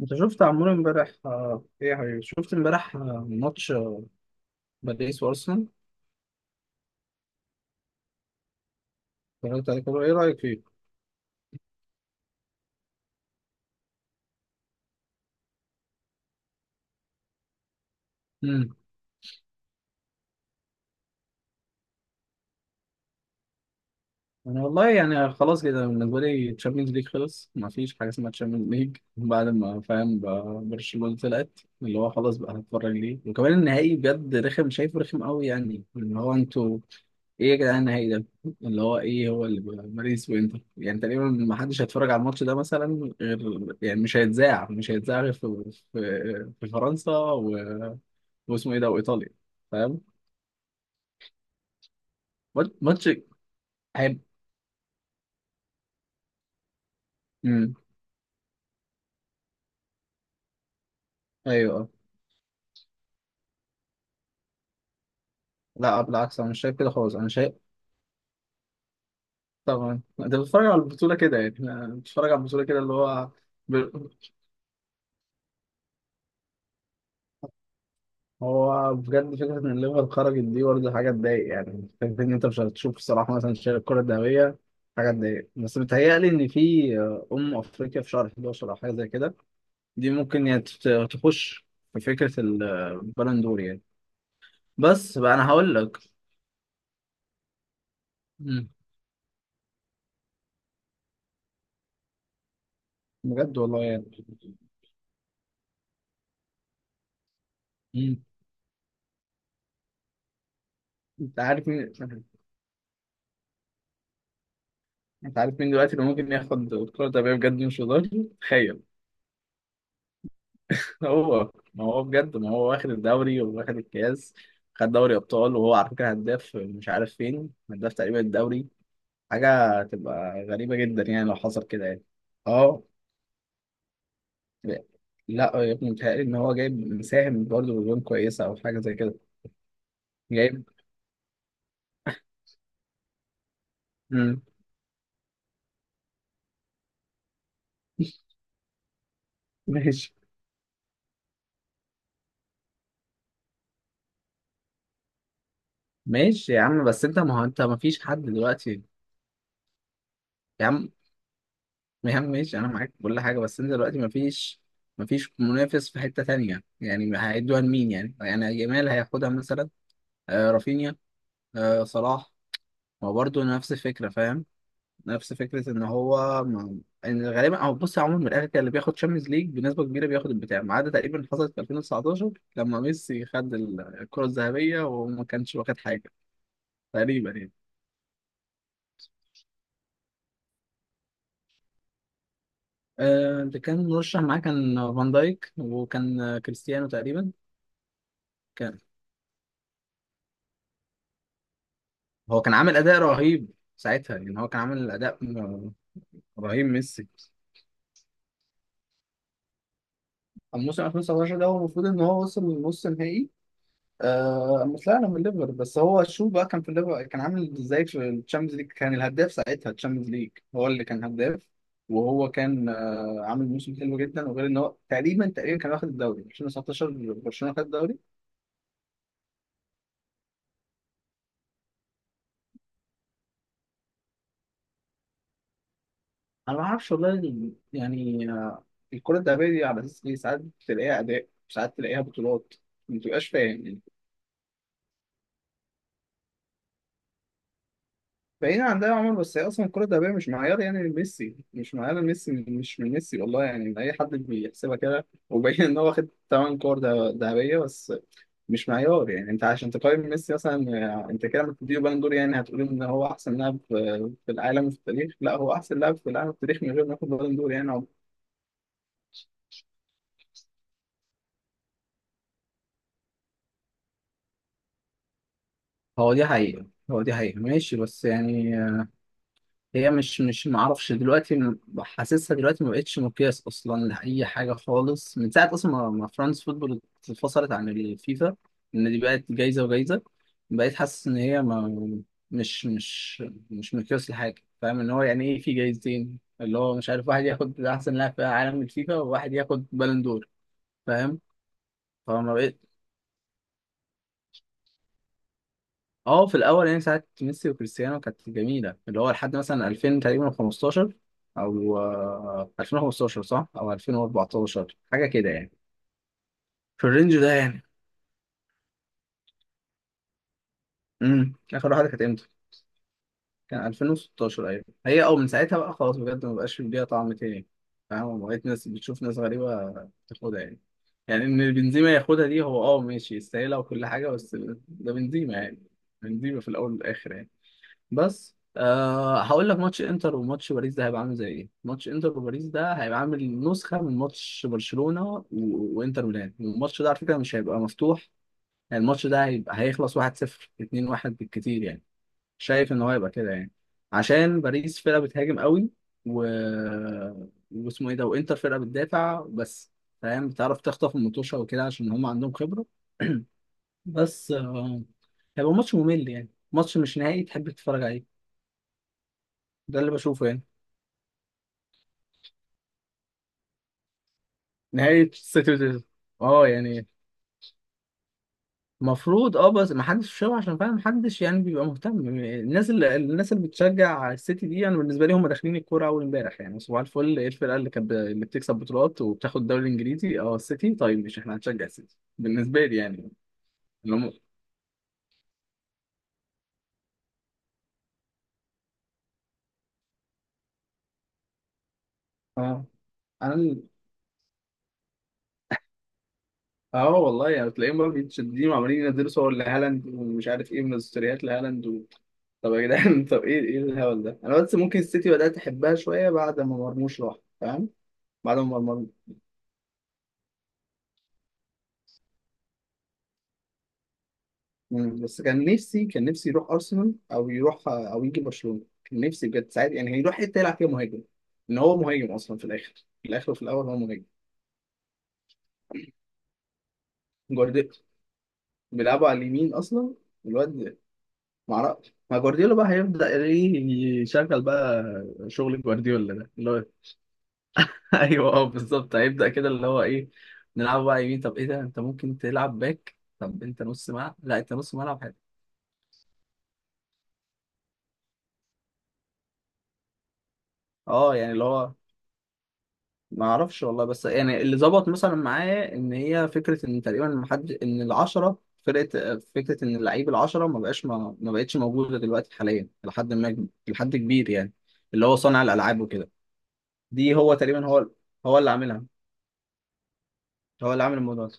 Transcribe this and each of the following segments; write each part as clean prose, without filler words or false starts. انت شفت عمور امبارح، ايه يا حبيبي شفت امبارح ماتش باريس وارسنال. اتفرجت عليه كله. ايه رايك فيه؟ امم انا والله يعني خلاص كده بالنسبه لي تشامبيونز ليج خلص، ما فيش حاجه اسمها تشامبيونز ليج بعد ما فاهم بقى برشلونه طلعت. اللي هو خلاص بقى هتفرج ليه؟ وكمان النهائي بجد رخم، شايفه رخم قوي يعني. اللي هو انتوا ايه يا جدعان النهائي ده؟ اللي هو ايه، هو اللي بقى باريس وانتر، يعني تقريبا ما حدش هيتفرج على الماتش ده مثلا. غير يعني مش هيتذاع غير في فرنسا و... واسمه ايه ده، وايطاليا. فاهم. ماتش. هيب. امم ايوه، آه. لا بالعكس، انا مش شايف كده خالص. انا شايف، طبعا انت بتتفرج على البطوله كده يعني، أنا بتتفرج على البطوله كده. اللي هو هو بجد فكرة إن الليفر خرجت دي برضه حاجة تضايق يعني. فكرة إن أنت مش هتشوف الصراحة مثلا شايل الكرة الذهبية حاجة تضايق. بس بيتهيألي إن في أم أفريقيا في شهر 11 أو حاجة زي كده. دي ممكن يعني تخش في فكرة البالندور يعني. بس بقى أنا هقول لك. مم. بجد والله يعني. مم. أنت عارف مين، أنت عارف مين دلوقتي اللي ممكن ياخد الكرة الذهبية بجد، مش هزار؟ تخيل. هو ما هو بجد ما هو واخد الدوري وواخد الكاس، خد دوري ابطال، وهو على فكره هداف، مش عارف فين، هداف تقريبا الدوري. حاجه تبقى غريبه جدا يعني لو حصل كده يعني. اه. لا يا ابني، متهيألي ان هو جايب مساهم برضه بجون كويسه او حاجه زي كده. جايب. مم. ماشي. ماشي يا عم، بس انت ما هو انت ما فيش حد دلوقتي. يا عم، يا عم ماشي، انا معاك في كل حاجه، بس انت دلوقتي ما فيش، ما فيش منافس في حته تانية يعني. هيدوها لمين يعني؟ يعني جمال هياخدها مثلا؟ آه رافينيا؟ آه صلاح؟ هو برضه نفس الفكرة فاهم. نفس فكرة إن هو إن غالبا، أو بص عموما من الآخر، كان اللي بياخد شامبيونز ليج بنسبة كبيرة بياخد البتاع، ما عدا تقريبا حصلت في 2019 لما ميسي خد الكرة الذهبية وما كانش واخد حاجة تقريبا يعني. آه اللي كان مرشح معاه كان فان دايك وكان كريستيانو تقريبا. كان هو كان عامل أداء رهيب ساعتها يعني. هو كان عامل أداء رهيب ميسي. الموسم 2019 ده هو المفروض إن هو وصل لنص نهائي. آه مش، لا انا من الليفر، بس هو شو بقى كان في الليفر، كان عامل ازاي في الشامبيونز ليج؟ كان الهداف ساعتها، الشامبيونز ليج هو اللي كان هداف. وهو كان آه عامل موسم حلو جدا، وغير ان هو تقريبا تقريبا كان واخد الدوري 2019، برشلونة خد الدوري. انا ما اعرفش والله يعني آه الكرة الذهبية دي على اساس ايه؟ ساعات تلاقيها اداء، ساعات تلاقيها بطولات، ما تبقاش فاهم يعني. بعيد عن ده يا عمر، بس هي اصلا الكره الذهبيه مش معيار يعني. ميسي مش معيار، ميسي مش من ميسي والله يعني، من اي حد بيحسبها كده. وبين ان هو واخد 8 كور ذهبيه بس، مش معيار يعني. انت عشان تقيم ميسي مثلا، انت كده لما تديله بالون دور، يعني هتقول ان هو احسن لاعب في العالم وفي التاريخ. لا هو احسن لاعب في العالم في التاريخ من غير ما ياخد بالون دور يعني. هو دي حقيقة، هو دي حقيقة ماشي بس يعني، هي مش ما اعرفش دلوقتي حاسسها دلوقتي ما بقتش مقياس اصلا لاي حاجه خالص من ساعه اصلا ما فرانس فوتبول اتفصلت عن الفيفا. ان دي بقت جايزه وجايزه، بقيت حاسس ان هي ما مش مش مش مقياس لحاجه، فاهم. ان هو يعني ايه؟ في جايزتين اللي هو مش عارف، واحد ياخد احسن لاعب في عالم الفيفا، وواحد ياخد بالون دور. فاهم. فما بقيت، اه في الاول يعني ساعه ميسي وكريستيانو كانت جميله، اللي هو لحد مثلا 2000 تقريبا 15، او 2015 صح، او 2014 حاجه كده يعني. في الرينج ده يعني. اخر واحده كانت امتى؟ كان 2016 ايوه. هي او من ساعتها بقى خلاص بجد ما بقاش ليها طعم تاني، فاهم. بقيت ناس بتشوف ناس غريبه تاخدها يعني. يعني ان بنزيما ياخدها دي، هو اه ماشي يستاهلها وكل حاجه، بس ده بنزيما يعني، بنزيما في الاول والاخر يعني. بس أه هقول لك، ماتش انتر وماتش باريس ده هيبقى عامل زي ايه؟ ماتش انتر وباريس ده هيبقى عامل نسخه من ماتش برشلونه و... وانتر ميلان. الماتش ده على فكره مش هيبقى مفتوح. يعني الماتش ده هيبقى هيخلص 1-0 2-1 بالكتير يعني، شايف ان هو هيبقى كده يعني. عشان باريس فرقه بتهاجم قوي و... واسمه ايه ده، وانتر فرقه بتدافع بس، فاهم، بتعرف تخطف المطوشه وكده عشان هم عندهم خبره. بس هيبقى ماتش ممل يعني، ماتش مش نهائي تحب تتفرج. ده اللي بشوفه يعني. نهاية السيتويشن. اه يعني المفروض اه، بس ما حدش شافه عشان فعلا ما حدش يعني بيبقى مهتم. الناس اللي بتشجع السيتي دي انا بالنسبه لي هم داخلين الكوره اول امبارح يعني. صباح الفل، ايه الفرقه اللي كانت اللي بتكسب بطولات وبتاخد الدوري الانجليزي؟ اه السيتي. طيب مش احنا هنشجع السيتي بالنسبه لي يعني. اللي هم، اه، انا اه والله يعني تلاقيهم بقى متشددين وعمالين ينزلوا صور لهالاند ومش عارف ايه من ستوريات لهالاند و... طب يا جدعان طب ايه ايه الهبل ده؟ انا بس ممكن السيتي بدأت احبها شوية بعد ما مرموش راح، فاهم، بعد ما مرموش. مم. بس كان نفسي، كان نفسي يروح ارسنال او يروح او يجي برشلونة، كان نفسي بجد ساعات يعني هيروح حتة يلعب فيها مهاجم، ان هو مهاجم اصلا في الاخر. في الاخر وفي الاول هو مهاجم. جوارديولا بيلعبوا على اليمين اصلا. الواد، معرفش ما جوارديولا بقى هيبدأ ايه يشغل بقى؟ شغل جوارديولا ده اللي هو ايوه اه بالظبط هيبدأ كده اللي هو ايه، نلعب بقى يمين؟ طب ايه ده؟ انت ممكن تلعب باك، طب انت نص ملعب، لا انت نص ملعب حلو. اه يعني اللي هو، ما اعرفش والله، بس يعني اللي ظبط مثلا معايا ان هي فكره ان تقريبا ما حد، ان العشره فرقه، فكره ان اللعيب العشره ما بقاش ما بقتش موجوده دلوقتي حاليا، لحد ما لحد كبير يعني. اللي هو صانع الالعاب وكده، دي هو تقريبا هو، هو اللي عاملها، هو اللي عامل الموضوع ده.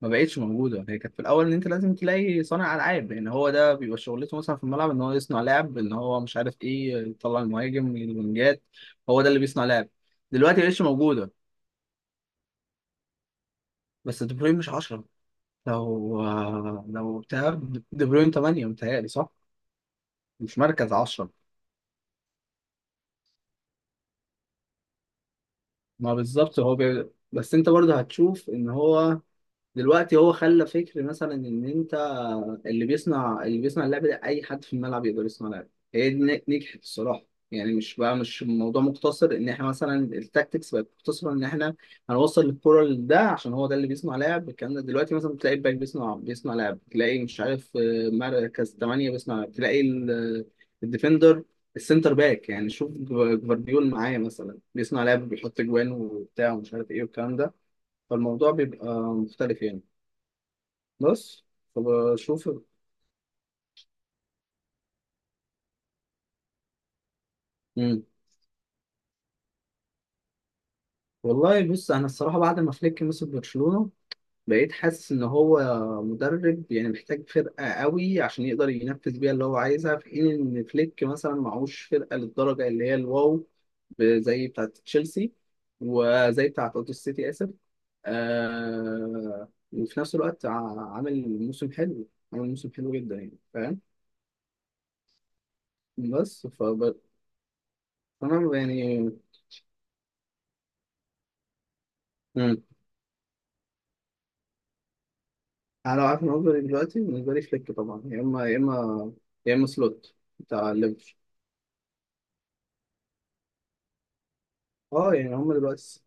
ما بقتش موجوده. هي كانت في الاول ان انت لازم تلاقي صانع العاب، لان هو ده بيبقى شغلته مثلا في الملعب ان هو يصنع لعب. ان هو مش عارف ايه، يطلع المهاجم الونجات، هو ده اللي بيصنع لعب. دلوقتي مبقتش موجوده. بس دي بروين مش 10، لو، لو بتاع، دي بروين 8 متهيألي صح، مش مركز 10. ما بالظبط، هو بي... بس انت برضه هتشوف ان هو دلوقتي، هو خلى فكر مثلا ان انت اللي بيصنع اللعبه دي، اي حد في الملعب يقدر يصنع لعبه. هي دي نجحت الصراحه يعني. مش بقى مش الموضوع مقتصر ان احنا مثلا التاكتكس بقت مقتصره ان احنا هنوصل الكره لده عشان هو ده اللي بيصنع لعب. الكلام ده دلوقتي مثلا تلاقي الباك بيصنع لعب، تلاقي مش عارف مركز 8 بيصنع لعب، تلاقي الديفندر، السنتر باك يعني. شوف جفارديول معايا مثلا بيصنع لعب، بيحط جوان وبتاع ومش عارف ايه والكلام ده. فالموضوع بيبقى مختلف يعني. بس، طب، شوف. مم. والله بص انا الصراحه بعد ما فليك مسك برشلونه، بقيت حاسس ان هو مدرب يعني محتاج فرقه قوي عشان يقدر ينفذ بيها اللي هو عايزها، في حين ان فليك مثلا معهوش فرقه للدرجه اللي هي الواو، زي بتاعه تشيلسي وزي بتاعه اوتو سيتي، اسف، آه. وفي نفس الوقت عامل موسم حلو، عامل موسم حلو جدا يعني فاهم. بس فب... فانا يعني، انا لو عارف ان اوبري دلوقتي بالنسبه لي فليك طبعا، يا اما يا اما سلوت بتاع ليفر. اه يعني هم دلوقتي.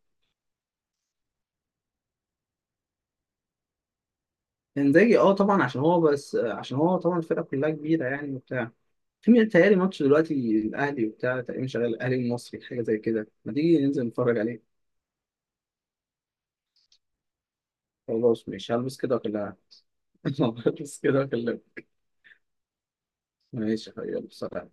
انزاجي اه طبعا، عشان هو بس عشان هو طبعا الفرقه كلها كبيره يعني وبتاع. في تهيألي ماتش دلوقتي الاهلي وبتاع تقريبا شغال الاهلي المصري حاجه زي كده، ما تيجي ننزل نتفرج عليه؟ خلاص ماشي هلبس كده واكلمك. هلبس كده واكلمك. ماشي يا حبيبي، يلا، سلام.